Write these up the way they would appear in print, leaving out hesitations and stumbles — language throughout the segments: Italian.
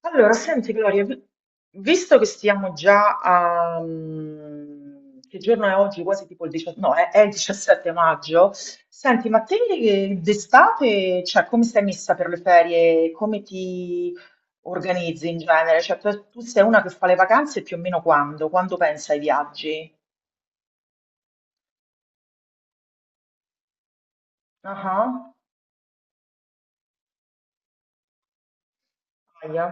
Allora, senti Gloria, visto che stiamo già a... che giorno è oggi? Quasi tipo il 17, no, è il 17 maggio. Senti, ma te d'estate, cioè, come stai messa per le ferie? Come ti organizzi in genere? Cioè, tu sei una che fa le vacanze più o meno quando? Quando pensa ai viaggi? Ah, ah, ahia.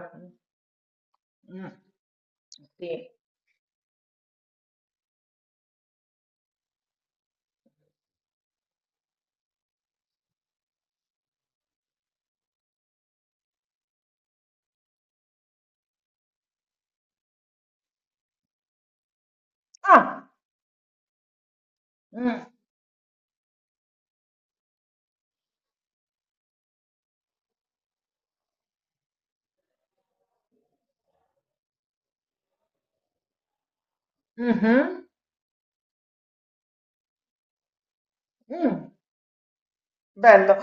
Mm. Sì. Ah, mm, mhm, mm. Bello.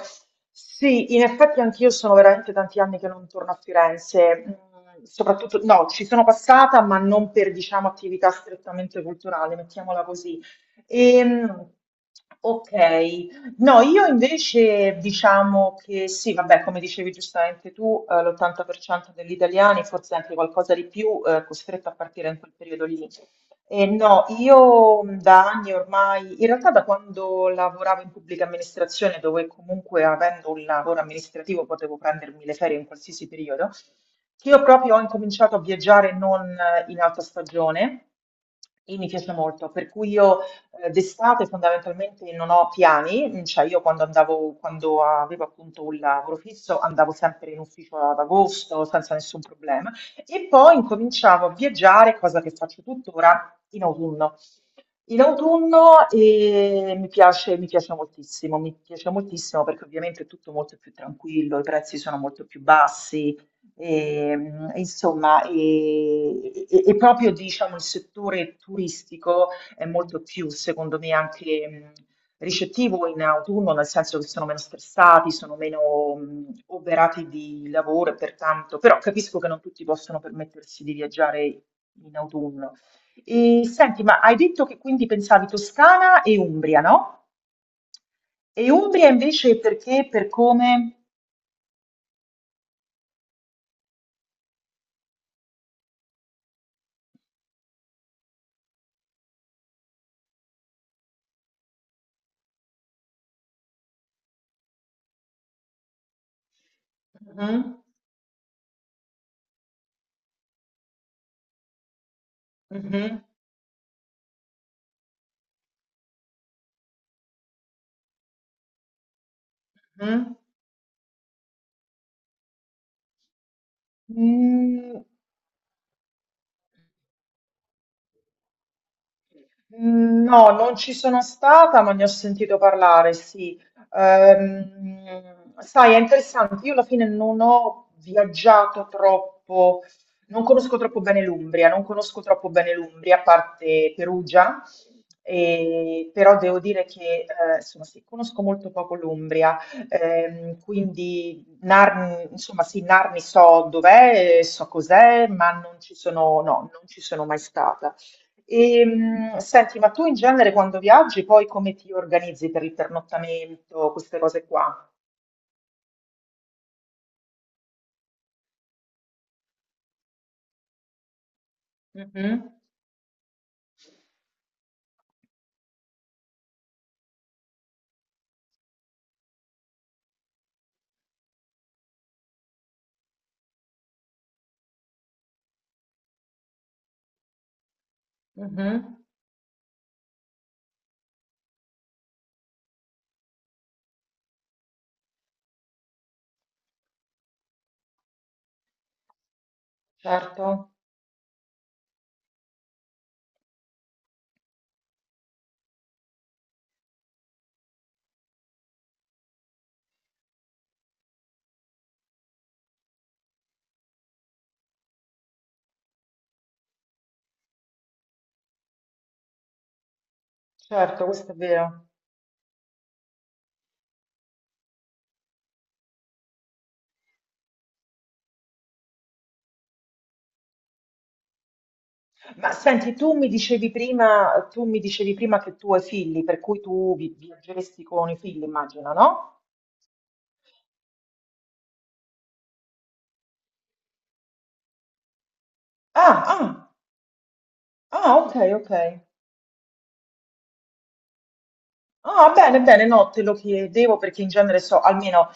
Sì, in effetti anch'io sono veramente tanti anni che non torno a Firenze, mm, soprattutto, no, ci sono passata, ma non per, diciamo, attività strettamente culturale, mettiamola così. Ehm, ok, no, io invece diciamo che sì, vabbè, come dicevi giustamente tu, l'80% degli italiani, forse anche qualcosa di più, costretto a partire in quel periodo lì. No, io da anni ormai, in realtà da quando lavoravo in pubblica amministrazione, dove comunque avendo un lavoro amministrativo potevo prendermi le ferie in qualsiasi periodo, che io proprio ho incominciato a viaggiare non in alta stagione e mi piace molto, per cui io d'estate fondamentalmente non ho piani, mm, cioè io quando andavo, quando avevo appunto un lavoro fisso andavo sempre in ufficio ad agosto senza nessun problema. E poi incominciavo a viaggiare, cosa che faccio tuttora, in autunno. In autunno mi piace moltissimo perché ovviamente è tutto molto più tranquillo, i prezzi sono molto più bassi, e, insomma, e proprio diciamo, il settore turistico è molto più, secondo me, anche ricettivo in autunno, nel senso che sono meno stressati, sono meno oberati di lavoro e pertanto, però capisco che non tutti possono permettersi di viaggiare in autunno. E senti, ma hai detto che quindi pensavi Toscana e Umbria, no? E Umbria invece perché, per come? Mhm, mhm, mhm. Mm, mm, no, non ci sono stata, ma ne ho sentito parlare, sì. Sai, è interessante, io alla fine non ho viaggiato troppo, non conosco troppo bene l'Umbria, non conosco troppo bene l'Umbria, a parte Perugia, però devo dire che, insomma, sì, conosco molto poco l'Umbria, quindi Narni, insomma, sì, Narni so dov'è, so cos'è, ma non ci sono, no, non ci sono mai stata. E, senti, ma tu in genere quando viaggi, poi come ti organizzi per il pernottamento, queste cose qua? Mhm, mhm, certo, certo, questo è vero. Ma senti, tu mi dicevi prima, tu mi dicevi prima che tu hai figli, per cui tu viaggeresti con i figli, immagino, no? Ah, ah, ah, ok, ok. Ah, bene, bene, no, te lo chiedevo perché in genere so, almeno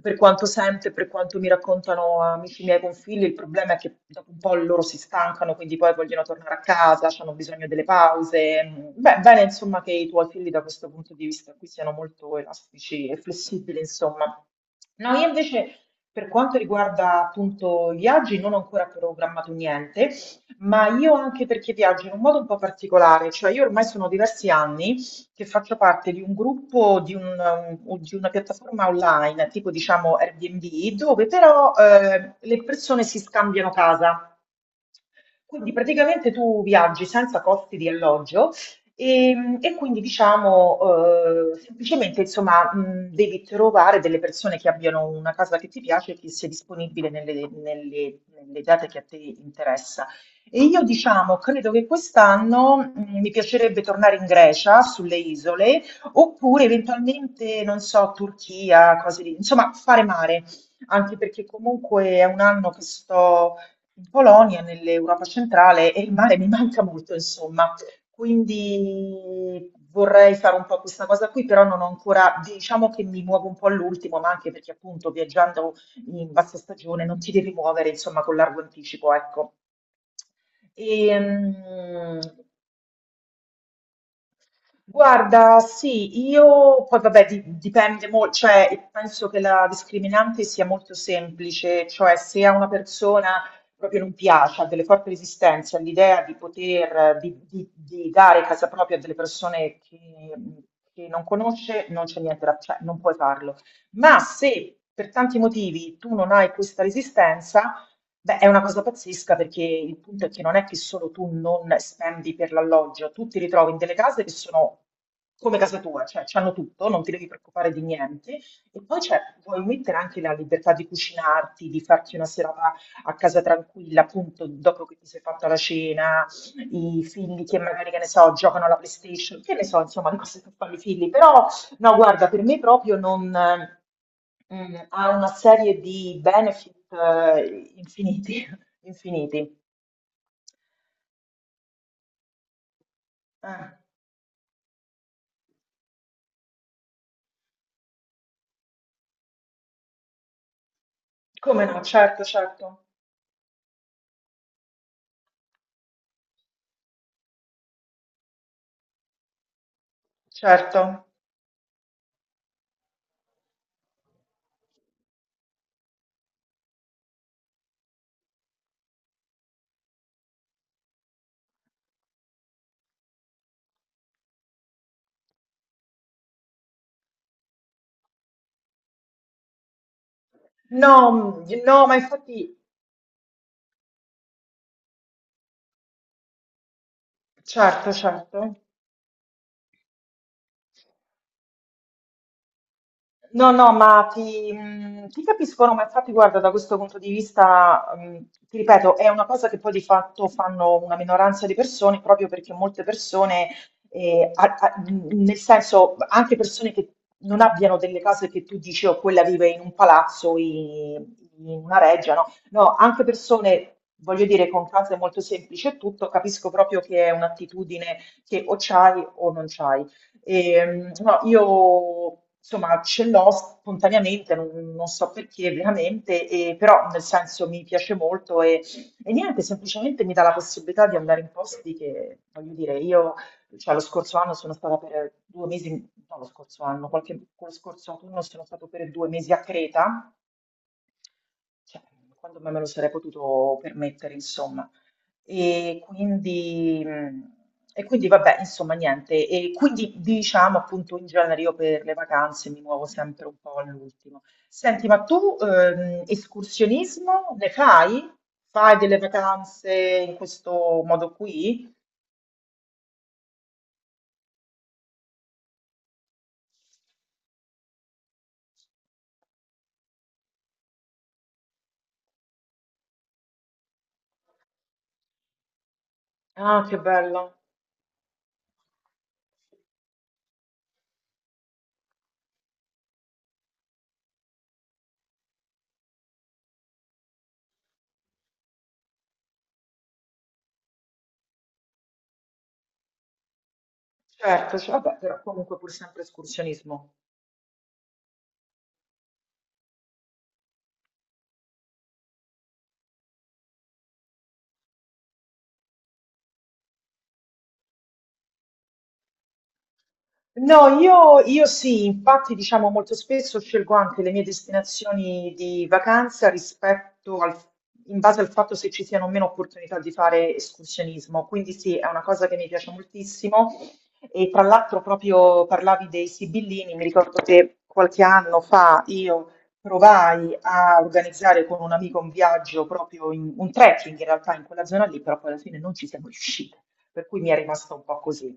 per quanto sento e per quanto mi raccontano amici miei con figli, il problema è che dopo un po' loro si stancano, quindi poi vogliono tornare a casa, hanno bisogno delle pause. Mm, beh, bene, insomma, che i tuoi figli da questo punto di vista qui siano molto elastici e flessibili, insomma. No, io invece per quanto riguarda appunto i viaggi non ho ancora programmato niente, ma io anche perché viaggio in un modo un po' particolare, cioè io ormai sono diversi anni che faccio parte di un gruppo, o di una piattaforma online, tipo diciamo Airbnb, dove però le persone si scambiano casa. Quindi praticamente tu viaggi senza costi di alloggio e, e quindi diciamo semplicemente insomma devi trovare delle persone che abbiano una casa che ti piace e che sia disponibile nelle date che a te interessa. E io diciamo credo che quest'anno mi piacerebbe tornare in Grecia, sulle isole, oppure eventualmente, non so, Turchia, cose lì, insomma fare mare, anche perché comunque è un anno che sto in Polonia, nell'Europa centrale e il mare mi manca molto, insomma. Quindi vorrei fare un po' questa cosa qui, però non ho ancora, diciamo che mi muovo un po' all'ultimo, ma anche perché appunto viaggiando in bassa stagione non ti devi muovere, insomma, con largo anticipo, ecco. E, guarda, sì, io poi vabbè dipende molto, cioè penso che la discriminante sia molto semplice, cioè se a una persona proprio non piace, ha delle forti resistenze all'idea di poter, di dare casa propria a delle persone che non conosce, non c'è niente da, cioè non puoi farlo. Ma se per tanti motivi tu non hai questa resistenza, beh, è una cosa pazzesca perché il punto è che non è che solo tu non spendi per l'alloggio, tu ti ritrovi in delle case che sono come casa tua, cioè c'hanno tutto, non ti devi preoccupare di niente. E poi c'è, vuoi mettere anche la libertà di cucinarti, di farti una serata a casa tranquilla, appunto, dopo che ti sei fatta la cena, i figli che magari, che ne so, giocano alla PlayStation, che ne so, insomma, le cose che fanno i figli, però no, guarda, per me proprio non, mm, ha una serie di benefit infiniti, infiniti. Eh, come no? Certo, certo, certo. No, mm, no, ma infatti, certo, certo. No, no, ma ti, ti capisco, no, ma infatti guarda, da questo punto di vista, ti ripeto, è una cosa che poi di fatto fanno una minoranza di persone proprio perché molte persone, nel senso anche persone che non abbiano delle case che tu dici, oh, quella vive in un palazzo, in, in una reggia, no? No, anche persone, voglio dire, con case molto semplici e tutto, capisco proprio che è un'attitudine che o c'hai o non c'hai. E, mm, no, io insomma ce l'ho spontaneamente, non, non so perché veramente, però nel senso mi piace molto e niente, semplicemente mi dà la possibilità di andare in posti che, voglio dire, io, cioè lo scorso anno sono stata per 2 mesi, no lo scorso anno, qualche, lo scorso autunno sono stato per 2 mesi a Creta cioè, quando me lo sarei potuto permettere, insomma. E quindi, mh, e quindi vabbè, insomma, niente. E quindi diciamo appunto in genere io per le vacanze mi muovo sempre un po' all'ultimo. Senti, ma tu escursionismo ne fai? Fai delle vacanze in questo modo qui? Ah, che bello. Certo, cioè, vabbè, però comunque pur sempre escursionismo. No, io sì, infatti diciamo molto spesso scelgo anche le mie destinazioni di vacanza rispetto al, in base al fatto se ci siano o meno opportunità di fare escursionismo, quindi sì, è una cosa che mi piace moltissimo e tra l'altro proprio parlavi dei Sibillini, mi ricordo che qualche anno fa io provai a organizzare con un amico un viaggio proprio in, un trekking in realtà in quella zona lì, però poi alla fine non ci siamo riusciti, per cui mi è rimasta un po' così.